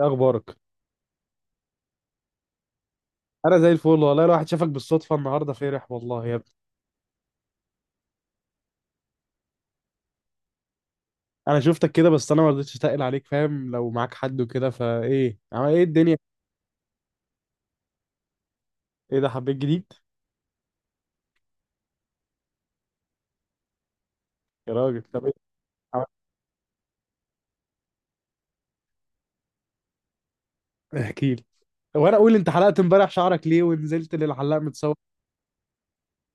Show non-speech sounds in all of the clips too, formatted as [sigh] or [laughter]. إيه اخبارك؟ انا زي الفل والله، لو واحد شافك بالصدفه النهارده فرح والله يا ابني. انا شفتك كده بس انا ما رضيتش اتقل عليك، فاهم؟ لو معاك حد وكده، فايه عمل ايه الدنيا؟ ايه ده، حبيت جديد؟ يا راجل طب ايه؟ عمل- احكي لي. وانا اقول انت حلقت امبارح شعرك ليه ونزلت للحلاق متسوح.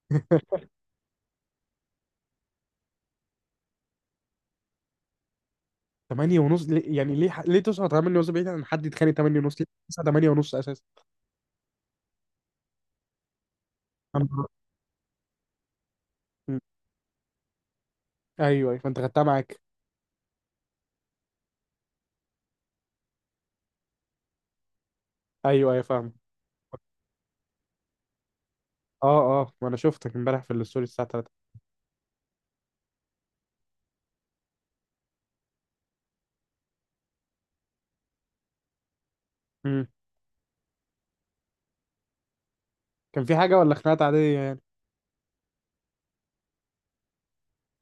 [laughs] 8 ونص ليه يعني؟ ليه ليه تصحى 8 ونص؟ بعيد عن حد يتخانق 8 ونص، ليه تصحى 8 ونص اساسا؟ أنا بروح. م. ايوه ايوه، فانت خدتها معاك. ايوه ايوه فاهم. اه اه، وانا شفتك امبارح في الستوري الساعه 3. امم. كان في حاجه ولا خناقات عاديه يعني؟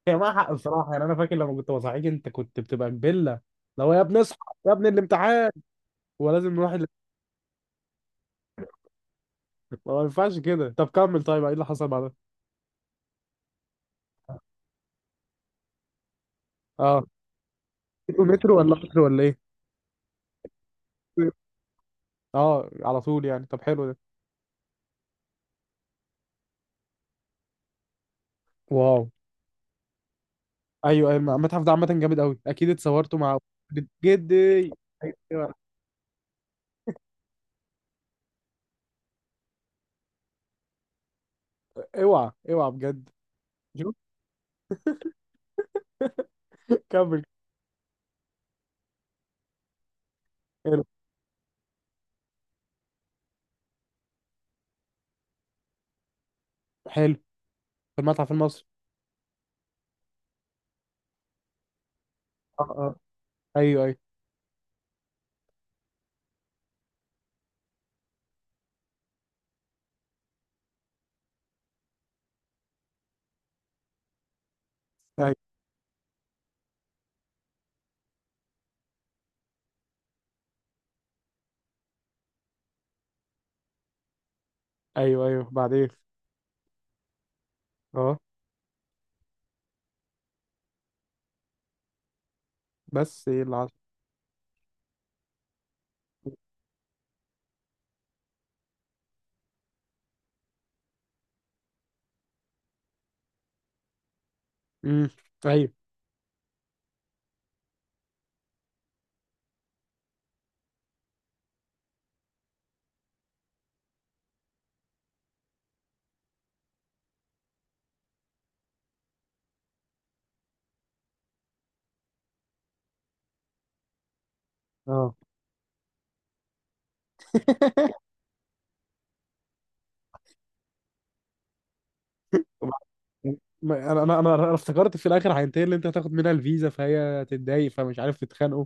هي معاها حق بصراحة، يعني أنا فاكر لما كنت بصحيك أنت كنت بتبقى كبلة. لو يا ابني اصحى، يا ابني الامتحان، ولازم نروح ال... ما ينفعش كده. طب كمل، طيب إيه اللي حصل بعدها؟ أه. مترو مترو ولا مترو ولا إيه؟ أه على طول يعني، طب حلو ده. واو. أيوه أيوه، المتحف ده عامة جامد أوي، أكيد اتصورتوا مع جد. أيوة. اوعى اوعى بجد. شوف. كمل. حلو. حلو. في المتحف المصري. أه أه. أيوه أيوه. أيوه أيوه. أيوه بعدين. أه. بس إيه اللي حصل؟ امم. أيوه. أه. [laughs] وبعد- انا انا انا أنا افتكرت في الاخر هينتهي اللي انت هتاخد منها الفيزا، فهي هتتضايق، فمش عارف تتخانقوا.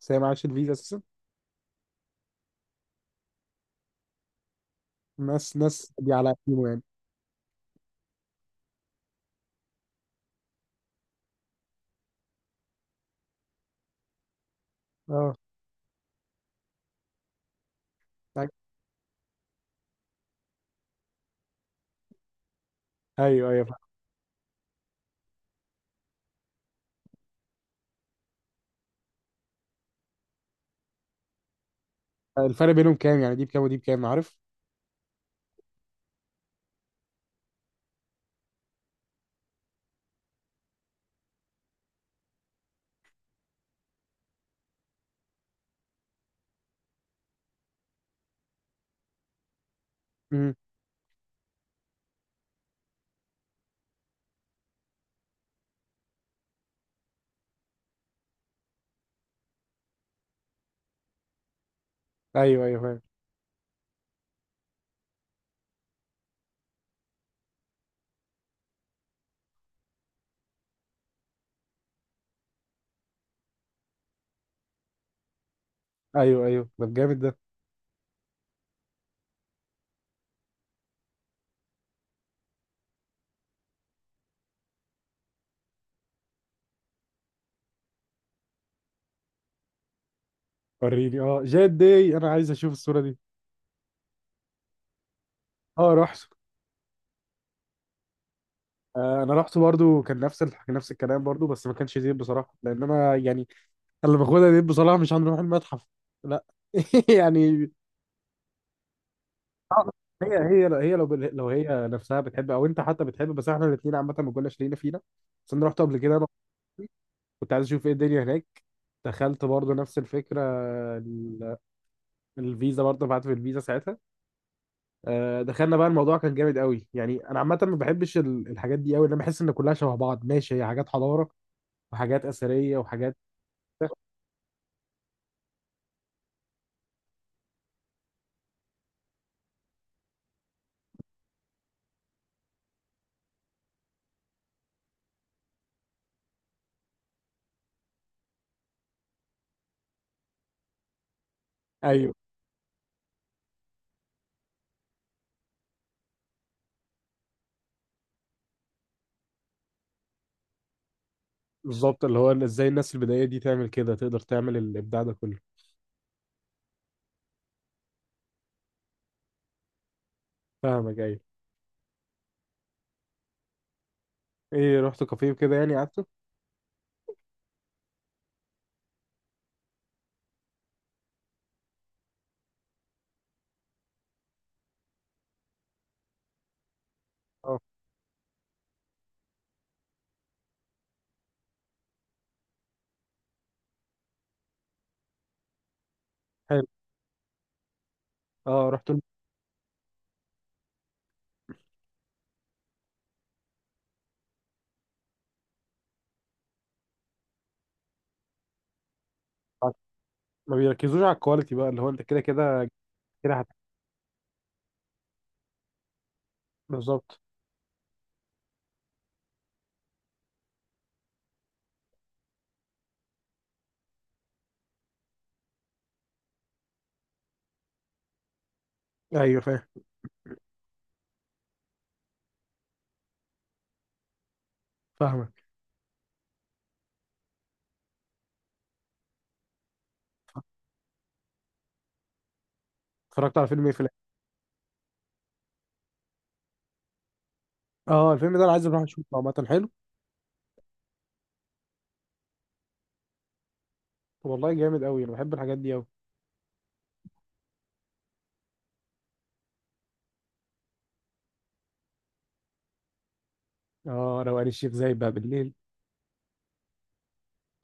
بس هي معهاش الفيزا اساسا. ناس دي على قديمه يعني. اه. ايوه ايوه فاهم. الفرق بينهم كام يعني؟ دي بكام ودي بكام، عارف؟ امم. ايوه ايوه فاهم. ايوه ايوه، ده جامد ده. وريني، اه جاد داي، انا عايز اشوف الصوره دي. اه رحت. آه، انا رحت برضو، كان نفس ال... نفس الكلام برضو، بس ما كانش زين بصراحه لان انا يعني أنا اللي باخدها دي بصراحه مش هنروح المتحف. لا. [laughs] يعني آه، هي لو هي نفسها بتحب او انت حتى بتحب، بس احنا الاثنين عامه ما كناش لينا فينا. بس انا رحت قبل كده انا وأختي، كنت عايز اشوف ايه الدنيا هناك. دخلت برضه نفس الفكره، ال- الفيزا برضه، بعت في الفيزا ساعتها. آه، دخلنا بقى، الموضوع كان جامد قوي يعني. انا عامه ما بحبش الحاجات دي قوي، لان أنا بحس ان كلها شبه بعض. ماشي، هي حاجات حضاره وحاجات اثريه وحاجات. ايوه بالظبط، اللي هو ازاي الناس البدائيه دي تعمل كده، تقدر تعمل الابداع ده كله. فاهمك، ايوه. ايه رحت كافيه وكده يعني، قعدت. اه. حلو. اه رحت. ما بيركزوش على الكواليتي بقى، اللي هو انت كده كده كده هت... بالظبط. ايوه فاهم. فاهمك. اتفرجت على فيلم ايه في الآخر؟ اه الفيلم ده انا عايز اروح اشوفه، عامه حلو. والله جامد قوي، انا بحب الحاجات دي قوي. اه، روقان الشيخ زايد بقى بالليل،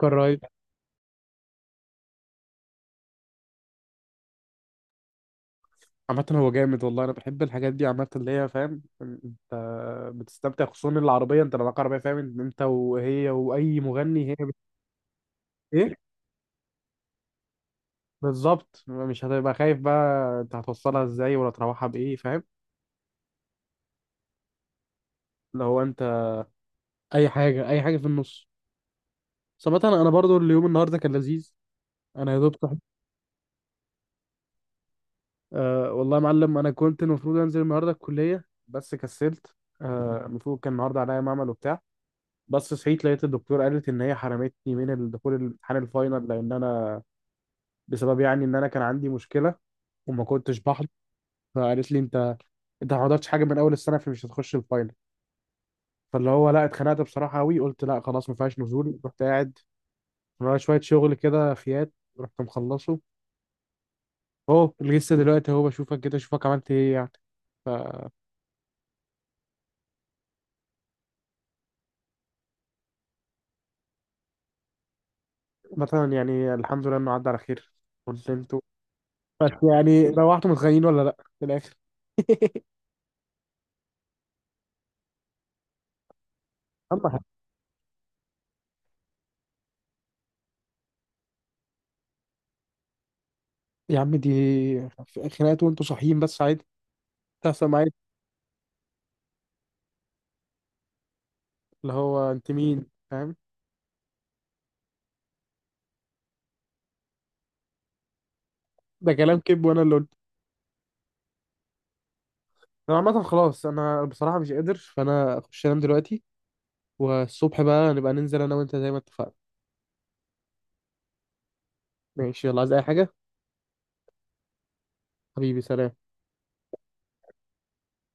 كان رايق. عامة هو جامد والله، انا بحب الحاجات دي عامة، اللي هي فاهم انت بتستمتع، خصوصا العربية، انت لو معاك عربية فاهم إن انت وهي واي مغني، هي بت... ايه بالظبط. مش هتبقى خايف بقى انت هتوصلها ازاي ولا تروحها بايه، فاهم؟ لو انت اي حاجة اي حاجة في النص. صراحة أنا برضو اليوم النهارده كان لذيذ. انا يا دوب صحيت. أه والله يا معلم، انا كنت المفروض انزل النهارده الكليه بس كسلت. آه، المفروض كان النهارده عليا معمل وبتاع، بس صحيت لقيت الدكتور قالت ان هي حرمتني من الدخول الامتحان الفاينل، لان انا بسبب يعني ان انا كان عندي مشكله وما كنتش بحضر. فقالت لي انت، انت ما حضرتش حاجه من اول السنه فمش هتخش الفاينل. فاللي هو لا، اتخنقت بصراحه قوي، قلت لا خلاص ما فيهاش نزول. رحت قاعد ورايا شويه شغل كده فيات، رحت مخلصه، اهو لسه دلوقتي اهو بشوفك كده اشوفك عملت ايه يعني. فمثلا يعني الحمد لله انه عدى على خير. كنت انتوا، بس يعني روحتوا متخانقين ولا لا في الاخر؟ [laughs] اما حاجة. يا عم دي خناقات وانتوا صاحيين، بس عادي، تحصل معايا. اللي هو انت مين، فاهم؟ ده كلام كذب، وانا اللي قلت. انا عامه خلاص، انا بصراحه مش قادر، فانا اخش انام دلوقتي، والصبح بقى نبقى ننزل انا وانت زي ما اتفقنا. ماشي، يلا، عايز اي حاجه؟ حبيبي سلام.